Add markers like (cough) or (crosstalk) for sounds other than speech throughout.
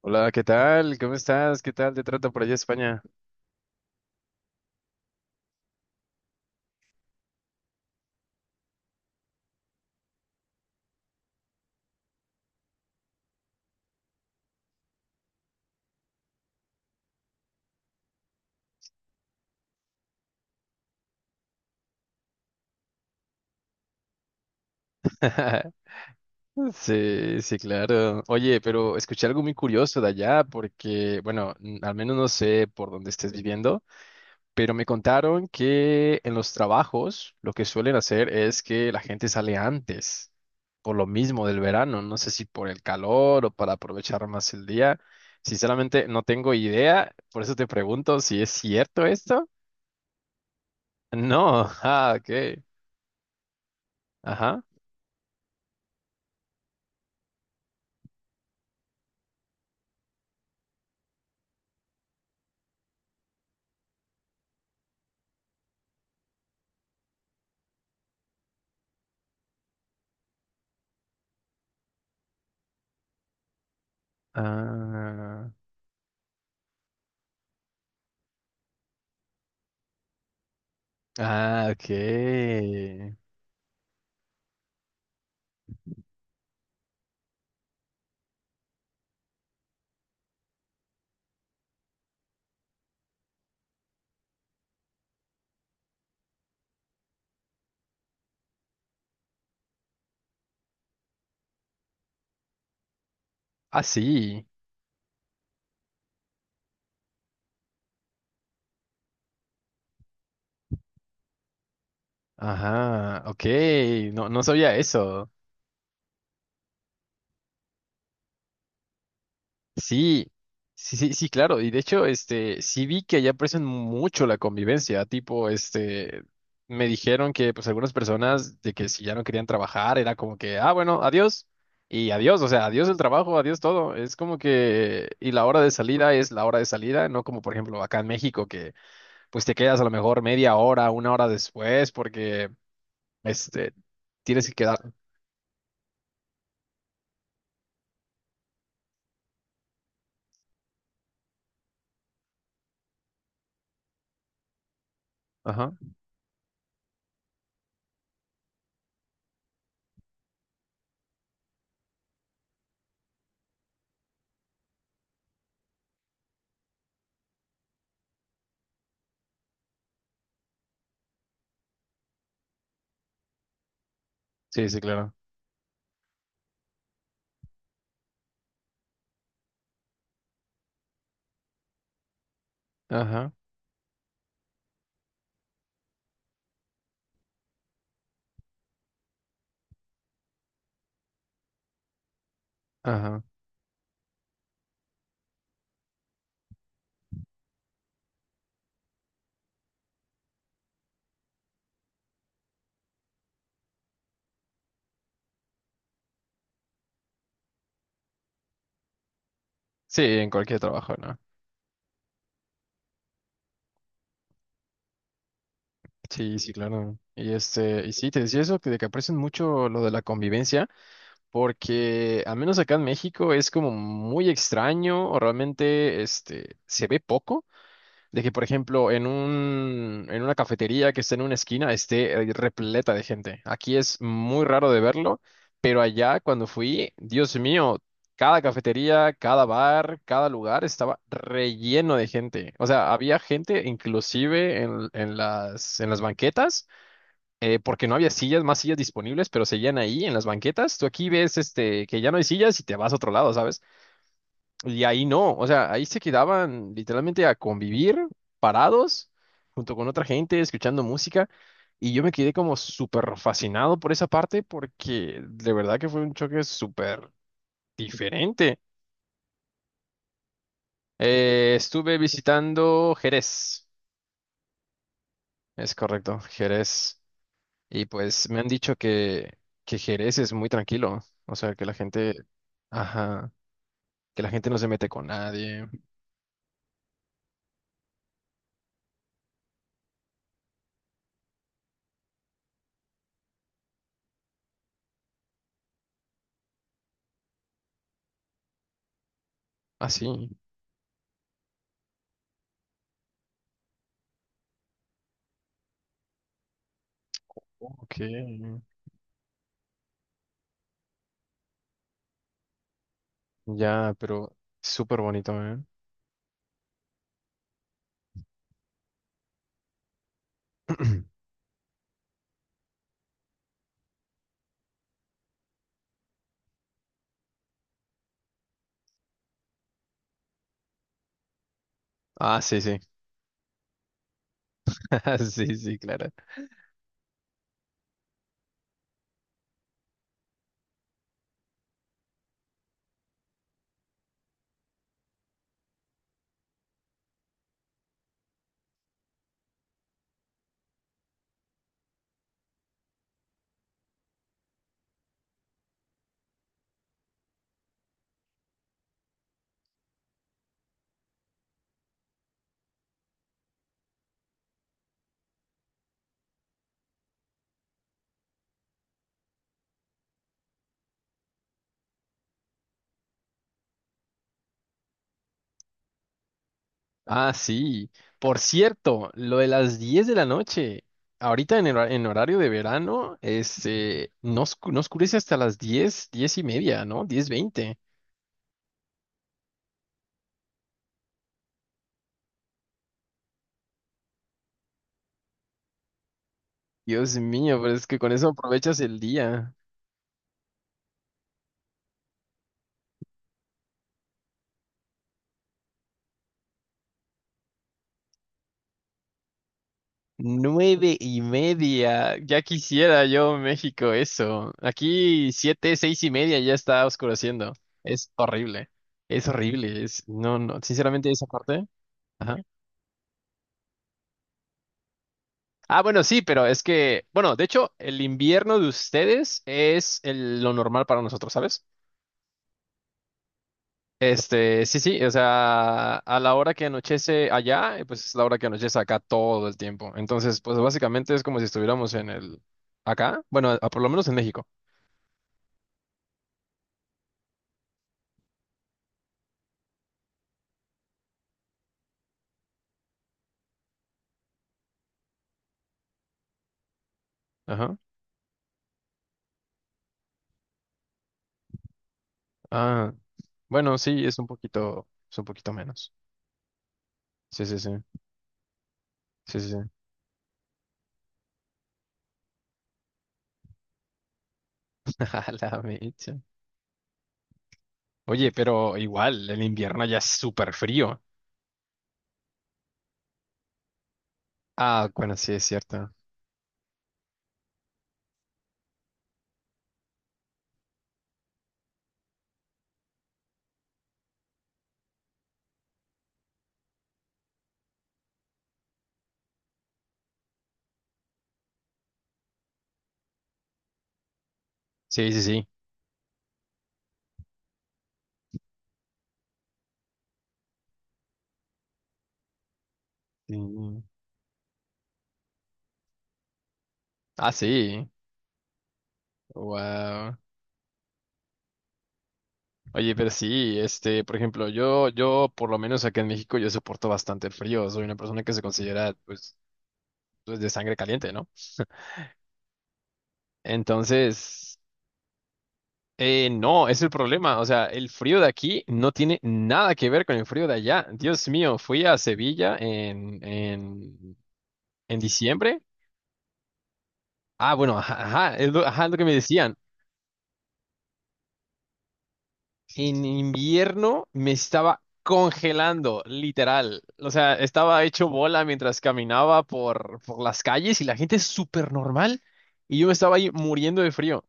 Hola, ¿qué tal? ¿Cómo estás? ¿Qué tal te trata por allá España? (laughs) Sí, sí, claro. Oye, pero escuché algo muy curioso de allá porque, bueno, al menos no sé por dónde estés viviendo, pero me contaron que en los trabajos lo que suelen hacer es que la gente sale antes, por lo mismo del verano, no sé si por el calor o para aprovechar más el día. Sinceramente, no tengo idea, por eso te pregunto si es cierto esto. No, (laughs) ah, ok. Ajá. Ah, ah, ok. Ah, sí. Ajá, ok. No, no sabía eso. Sí, sí, sí, sí, claro. Y de hecho, este, sí vi que allá aprecian mucho la convivencia. Tipo, este, me dijeron que, pues, algunas personas de que si ya no querían trabajar, era como que, ah, bueno, adiós. Y adiós, o sea, adiós el trabajo, adiós todo. Es como que, y la hora de salida es la hora de salida, no como por ejemplo acá en México, que pues te quedas a lo mejor media hora, una hora después, porque este, tienes que quedar. Ajá, sí, sí, claro. Ajá, ajá. Sí, en cualquier trabajo, ¿no? Sí, sí, claro. Y este, y sí, te decía eso, que de que aprecian mucho lo de la convivencia, porque al menos acá en México es como muy extraño, o realmente este se ve poco. De que, por ejemplo, en una cafetería que esté en una esquina, esté repleta de gente. Aquí es muy raro de verlo, pero allá cuando fui, Dios mío, cada cafetería, cada bar, cada lugar estaba relleno de gente. O sea, había gente inclusive en las banquetas, porque no había sillas, más sillas disponibles, pero seguían ahí en las banquetas. Tú aquí ves este, que ya no hay sillas y te vas a otro lado, ¿sabes? Y ahí no, o sea, ahí se quedaban literalmente a convivir parados junto con otra gente, escuchando música. Y yo me quedé como súper fascinado por esa parte porque de verdad que fue un choque súper diferente. Estuve visitando Jerez, es correcto, Jerez. Y pues me han dicho que Jerez es muy tranquilo, o sea, que la gente, ajá, que la gente no se mete con nadie. Así. Ok. Ya, pero súper bonito, ¿eh? (clears throat) Ah, sí, sí. (laughs) Sí, sí, claro. Ah, sí. Por cierto, lo de las 10 de la noche. Ahorita en horario de verano, este, no, no oscurece hasta las 10, 10:30, ¿no? 10:20. Dios mío, pero es que con eso aprovechas el día. 9:30. Ya quisiera yo México eso. Aquí 7, 6:30 ya está oscureciendo. Es horrible. Es horrible. Es, no, no. Sinceramente, esa parte. Ajá. Ah, bueno, sí, pero es que, bueno, de hecho, el invierno de ustedes es lo normal para nosotros, ¿sabes? Este, sí, sí, o sea, a la hora que anochece allá, pues es la hora que anochece acá todo el tiempo. Entonces, pues básicamente es como si estuviéramos acá, bueno, por lo menos en México. Ajá. Ah, bueno, sí, es un poquito menos. Sí, sí, sí. Sí, sí, sí. (laughs) A la mecha. Oye, pero igual, el invierno ya es súper frío. Ah, bueno, sí, es cierto. Sí, sí, sí. Sí. Ah, sí. Wow. Oye, pero sí, este, por ejemplo, yo, por lo menos acá en México, yo soporto bastante el frío. Soy una persona que se considera, pues, de sangre caliente, ¿no? Entonces, no, es el problema. O sea, el frío de aquí no tiene nada que ver con el frío de allá. Dios mío, fui a Sevilla en diciembre. Ah, bueno, ajá, ajá, ajá, es lo que me decían. En invierno me estaba congelando, literal. O sea, estaba hecho bola mientras caminaba por las calles y la gente es súper normal. Y yo me estaba ahí muriendo de frío.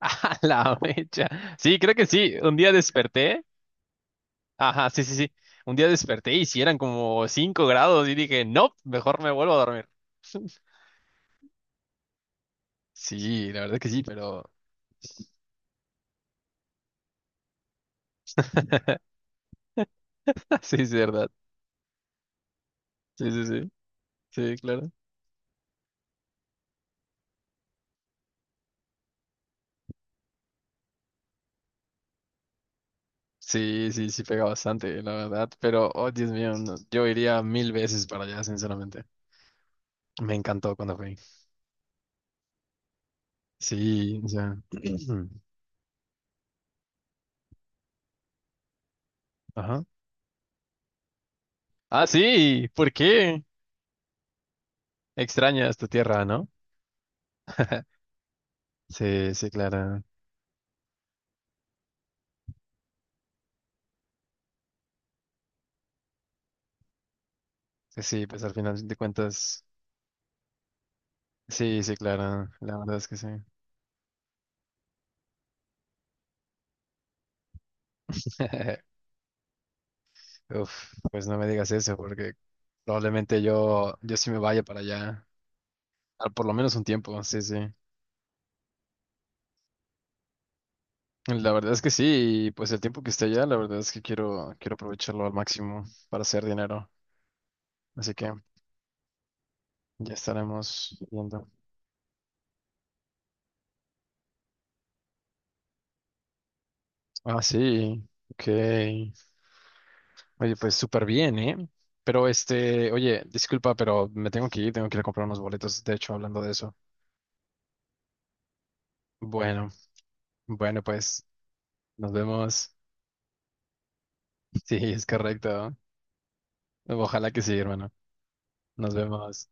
(laughs) A la mecha. Sí, creo que sí. Un día desperté. Ajá, sí, sí, sí. Un día desperté y si eran como 5 grados y dije, no, mejor me vuelvo a dormir. (laughs) Sí, la verdad que sí, pero (laughs) sí, es verdad. Sí, sí, sí, sí, claro. Sí, sí, sí, pega bastante, la verdad. Pero, oh, Dios mío, no, yo iría mil veces para allá, sinceramente. Me encantó cuando fui. Sí, o sea. (clears throat) Ajá. Ah, sí, ¿por qué? Extrañas tu tierra, ¿no? (laughs) Sí, sí, claro. Sí, sí, pues al final de cuentas. Sí, sí, claro. La verdad es que sí. (laughs) Uf, pues no me digas eso, porque probablemente yo sí me vaya para allá, por lo menos un tiempo, sí, sí. La verdad es que sí, y pues el tiempo que esté allá, la verdad es que quiero aprovecharlo al máximo para hacer dinero. Así que ya estaremos viendo. Ah, sí, ok. Oye, pues súper bien, ¿eh? Pero este, oye, disculpa, pero me tengo que ir a comprar unos boletos, de hecho, hablando de eso. Bueno, bueno, pues nos vemos. (laughs) Sí, es correcto. Ojalá que sí, hermano. Nos vemos.